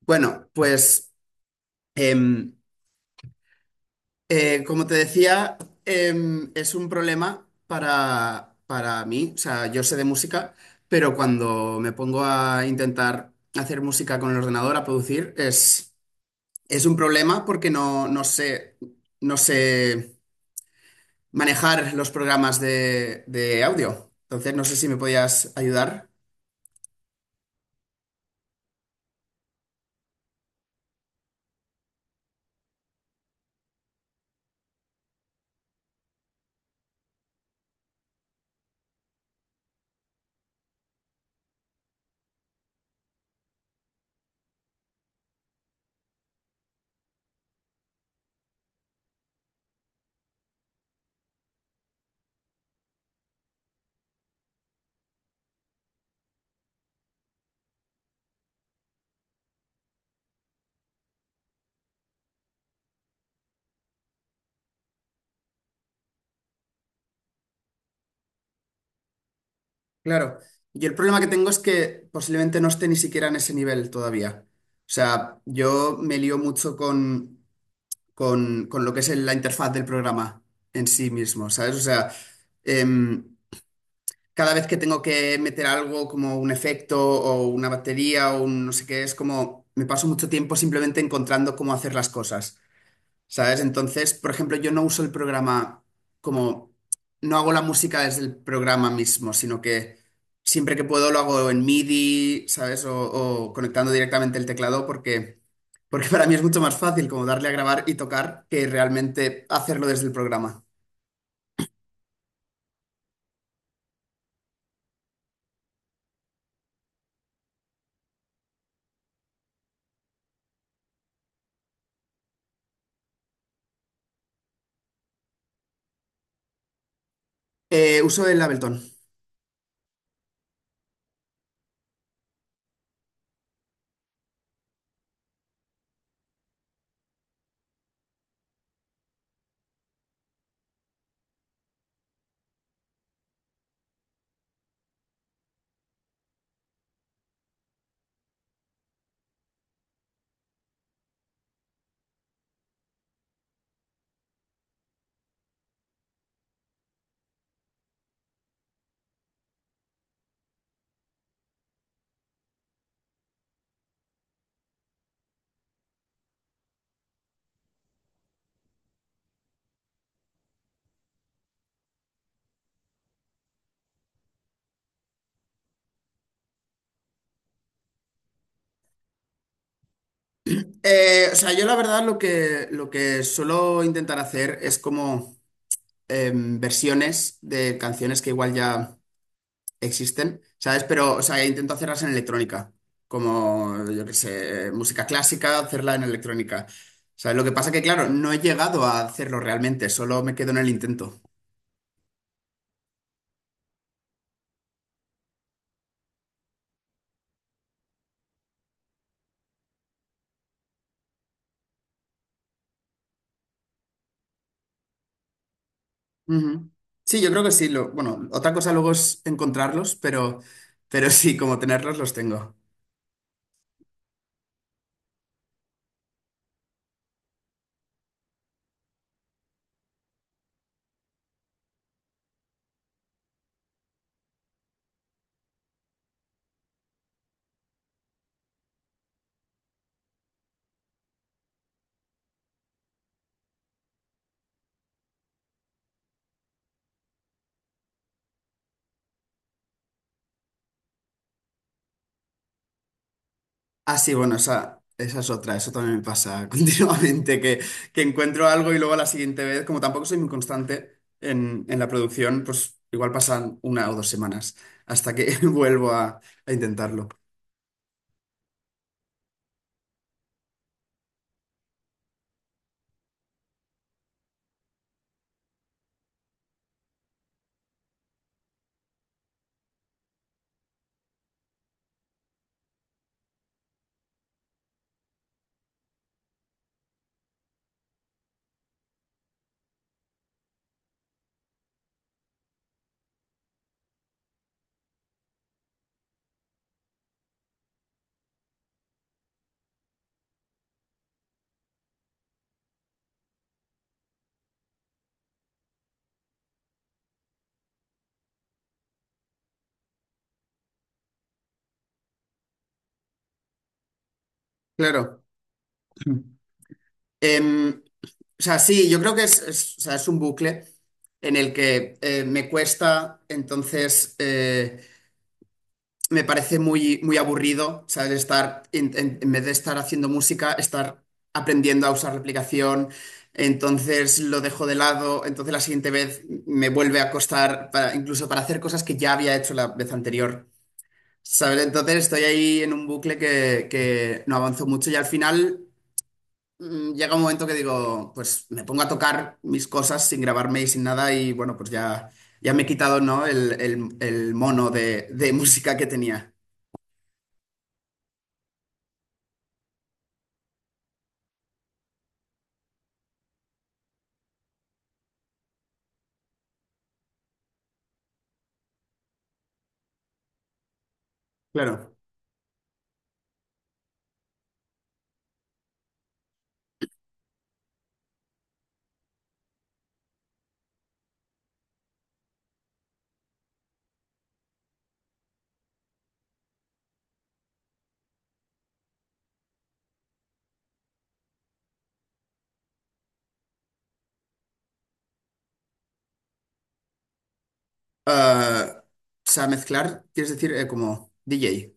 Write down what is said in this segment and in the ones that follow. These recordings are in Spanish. Bueno, pues em, como te decía, es un problema para mí. O sea, yo sé de música, pero cuando me pongo a intentar hacer música con el ordenador, a producir, es un problema porque no sé manejar los programas de audio. Entonces, no sé si me podías ayudar. Claro. Yo el problema que tengo es que posiblemente no esté ni siquiera en ese nivel todavía. O sea, yo me lío mucho con lo que es la interfaz del programa en sí mismo, ¿sabes? O sea, em, cada vez que tengo que meter algo como un efecto o una batería o un no sé qué, es como me paso mucho tiempo simplemente encontrando cómo hacer las cosas. ¿Sabes? Entonces, por ejemplo, yo no uso el programa como, no hago la música desde el programa mismo, sino que siempre que puedo lo hago en MIDI, ¿sabes? O conectando directamente el teclado porque para mí es mucho más fácil como darle a grabar y tocar que realmente hacerlo desde el programa. Uso el Ableton. O sea, yo la verdad lo que suelo intentar hacer es como versiones de canciones que igual ya existen, ¿sabes? Pero, o sea, intento hacerlas en electrónica, como, yo qué sé, música clásica, hacerla en electrónica. ¿Sabes? Lo que pasa que, claro, no he llegado a hacerlo realmente, solo me quedo en el intento. Ujú. Sí, yo creo que sí. Bueno, otra cosa luego es encontrarlos, pero sí, como tenerlos los tengo. Ah, sí, bueno, esa es otra, eso también me pasa continuamente, que encuentro algo y luego a la siguiente vez, como tampoco soy muy constante en la producción, pues igual pasan una o dos semanas hasta que vuelvo a intentarlo. Claro. Em, o sea, sí, yo creo que o sea, es un bucle en el que me cuesta, entonces me parece muy, muy aburrido, ¿sabes? Estar, en vez de estar haciendo música, estar aprendiendo a usar la aplicación. Entonces lo dejo de lado. Entonces la siguiente vez me vuelve a costar, incluso para hacer cosas que ya había hecho la vez anterior. ¿Sabes? Entonces estoy ahí en un bucle que no avanzo mucho y al final llega un momento que digo, pues me pongo a tocar mis cosas sin grabarme y sin nada y bueno, pues ya me he quitado, ¿no? El mono de música que tenía. Claro. Ah, o sea, mezclar, quieres decir, como DJ.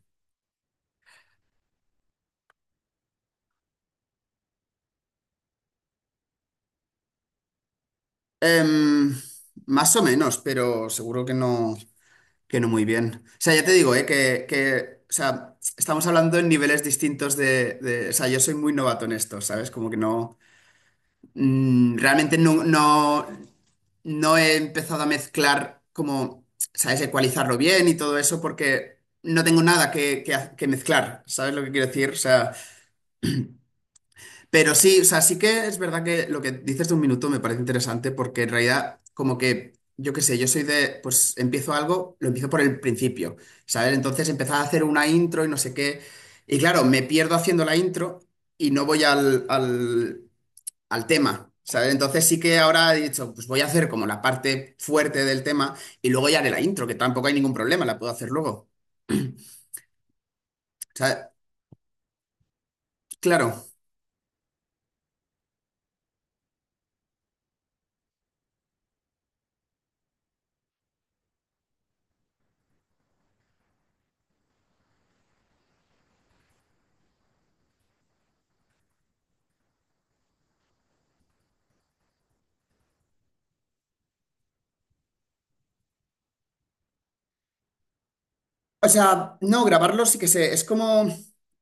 Em, más o menos, pero seguro que que no muy bien. O sea, ya te digo, o sea, estamos hablando en niveles distintos o sea, yo soy muy novato en esto, ¿sabes? Como que no, realmente no he empezado a mezclar como, ¿sabes? Ecualizarlo bien y todo eso porque no tengo nada que mezclar, ¿sabes lo que quiero decir? O sea, pero sí, o sea, sí que es verdad que lo que dices de un minuto me parece interesante porque en realidad como que, yo qué sé, yo soy de, pues empiezo algo, lo empiezo por el principio, ¿sabes? Entonces empezaba a hacer una intro y no sé qué. Y claro, me pierdo haciendo la intro y no voy al tema, ¿sabes? Entonces sí que ahora he dicho, pues voy a hacer como la parte fuerte del tema y luego ya haré la intro, que tampoco hay ningún problema, la puedo hacer luego. O sea, claro, no, grabarlo sí que sé, es como,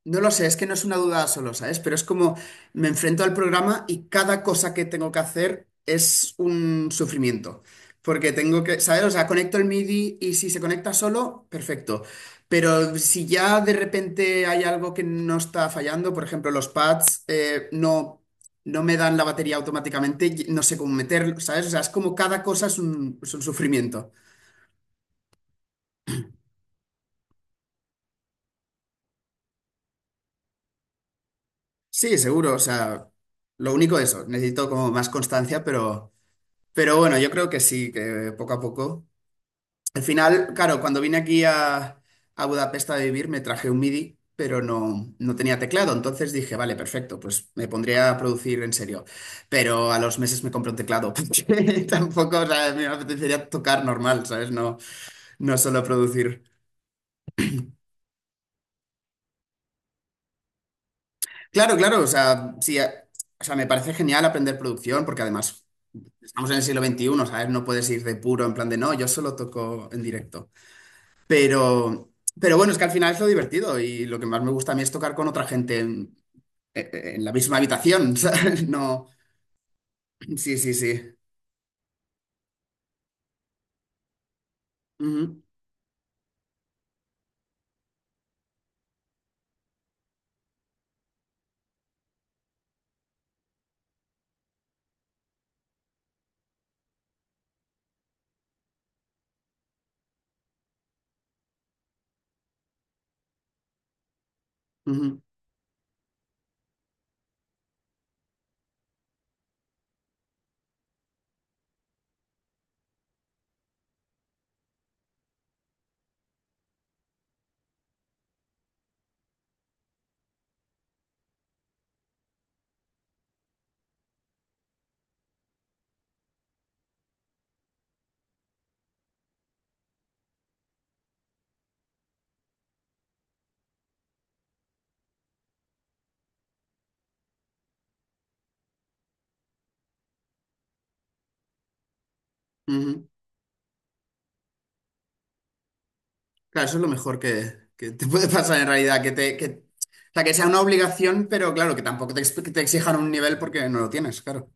no lo sé, es que no es una duda solo, ¿sabes? Pero es como me enfrento al programa y cada cosa que tengo que hacer es un sufrimiento. Porque tengo que, ¿sabes? O sea, conecto el MIDI y si se conecta solo, perfecto. Pero si ya de repente hay algo que no está fallando, por ejemplo, los pads no me dan la batería automáticamente, y no sé cómo meterlo, ¿sabes? O sea, es como cada cosa es es un sufrimiento. Sí, seguro, o sea, lo único de eso, necesito como más constancia, pero bueno, yo creo que sí, que poco a poco. Al final, claro, cuando vine aquí a Budapest a vivir me traje un MIDI, pero no tenía teclado, entonces dije, vale, perfecto, pues me pondría a producir en serio, pero a los meses me compré un teclado, porque tampoco, o sea, me apetecería tocar normal, ¿sabes? No, no solo producir. Claro, claro, o sea, sí, o sea, me parece genial aprender producción, porque además vamos en el siglo XXI, ¿sabes? No puedes ir de puro en plan de no, yo solo toco en directo. Pero, pero bueno, es que al final es lo divertido y lo que más me gusta a mí es tocar con otra gente en la misma habitación, ¿sabes? No, sí, sí, sí. Ujú, ujú, ujú. Claro, eso es lo mejor que te puede pasar en realidad, que te, o sea, que sea una obligación, pero claro, que tampoco que te exijan un nivel porque no lo tienes, claro.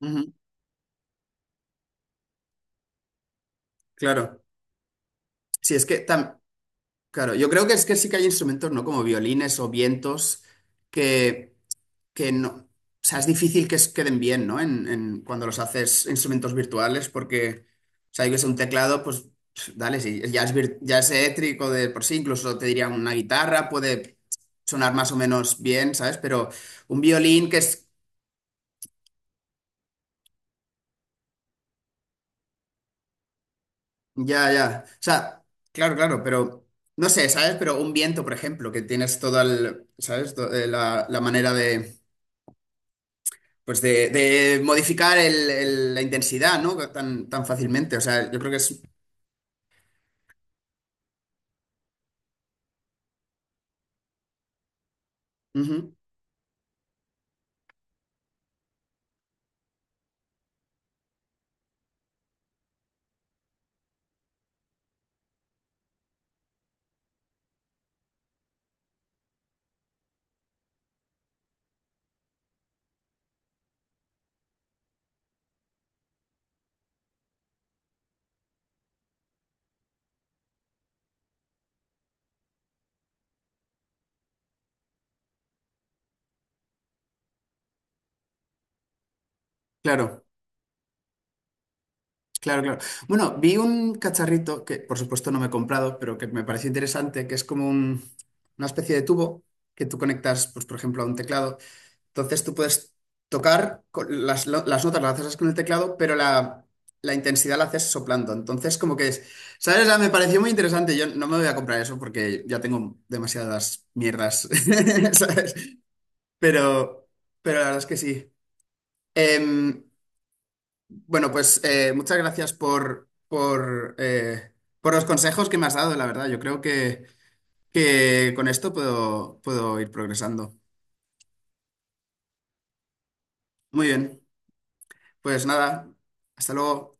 Ujú, claro. Sí, claro, yo creo que es que sí que hay instrumentos, ¿no? Como violines o vientos que, que no. O sea, es difícil que queden bien, ¿no? Cuando los haces instrumentos virtuales, porque, o sea, yo que sé, un teclado, pues, dale, sí, ya es eléctrico de por sí, incluso te diría una guitarra, puede sonar más o menos bien, ¿sabes? Pero un violín que es. Ya, ya. O sea, claro, claro, pero no sé, ¿sabes? Pero un viento, por ejemplo, que tienes toda el, ¿sabes? La manera de pues de modificar la intensidad, ¿no? Tan, tan fácilmente. O sea, yo creo que es, ujú, claro, claro, claro. Bueno, vi un cacharrito que por supuesto no me he comprado, pero que me pareció interesante, que es como una especie de tubo que tú conectas, pues por ejemplo, a un teclado. Entonces tú puedes tocar con las notas, las haces con el teclado, pero la intensidad la haces soplando. Entonces como que es, ¿sabes? O sea, me pareció muy interesante. Yo no me voy a comprar eso porque ya tengo demasiadas mierdas, ¿sabes? Pero, pero la verdad es que sí. Em, bueno, pues muchas gracias por los consejos que me has dado, la verdad. Yo creo que con esto puedo ir progresando. Muy bien, pues nada, hasta luego.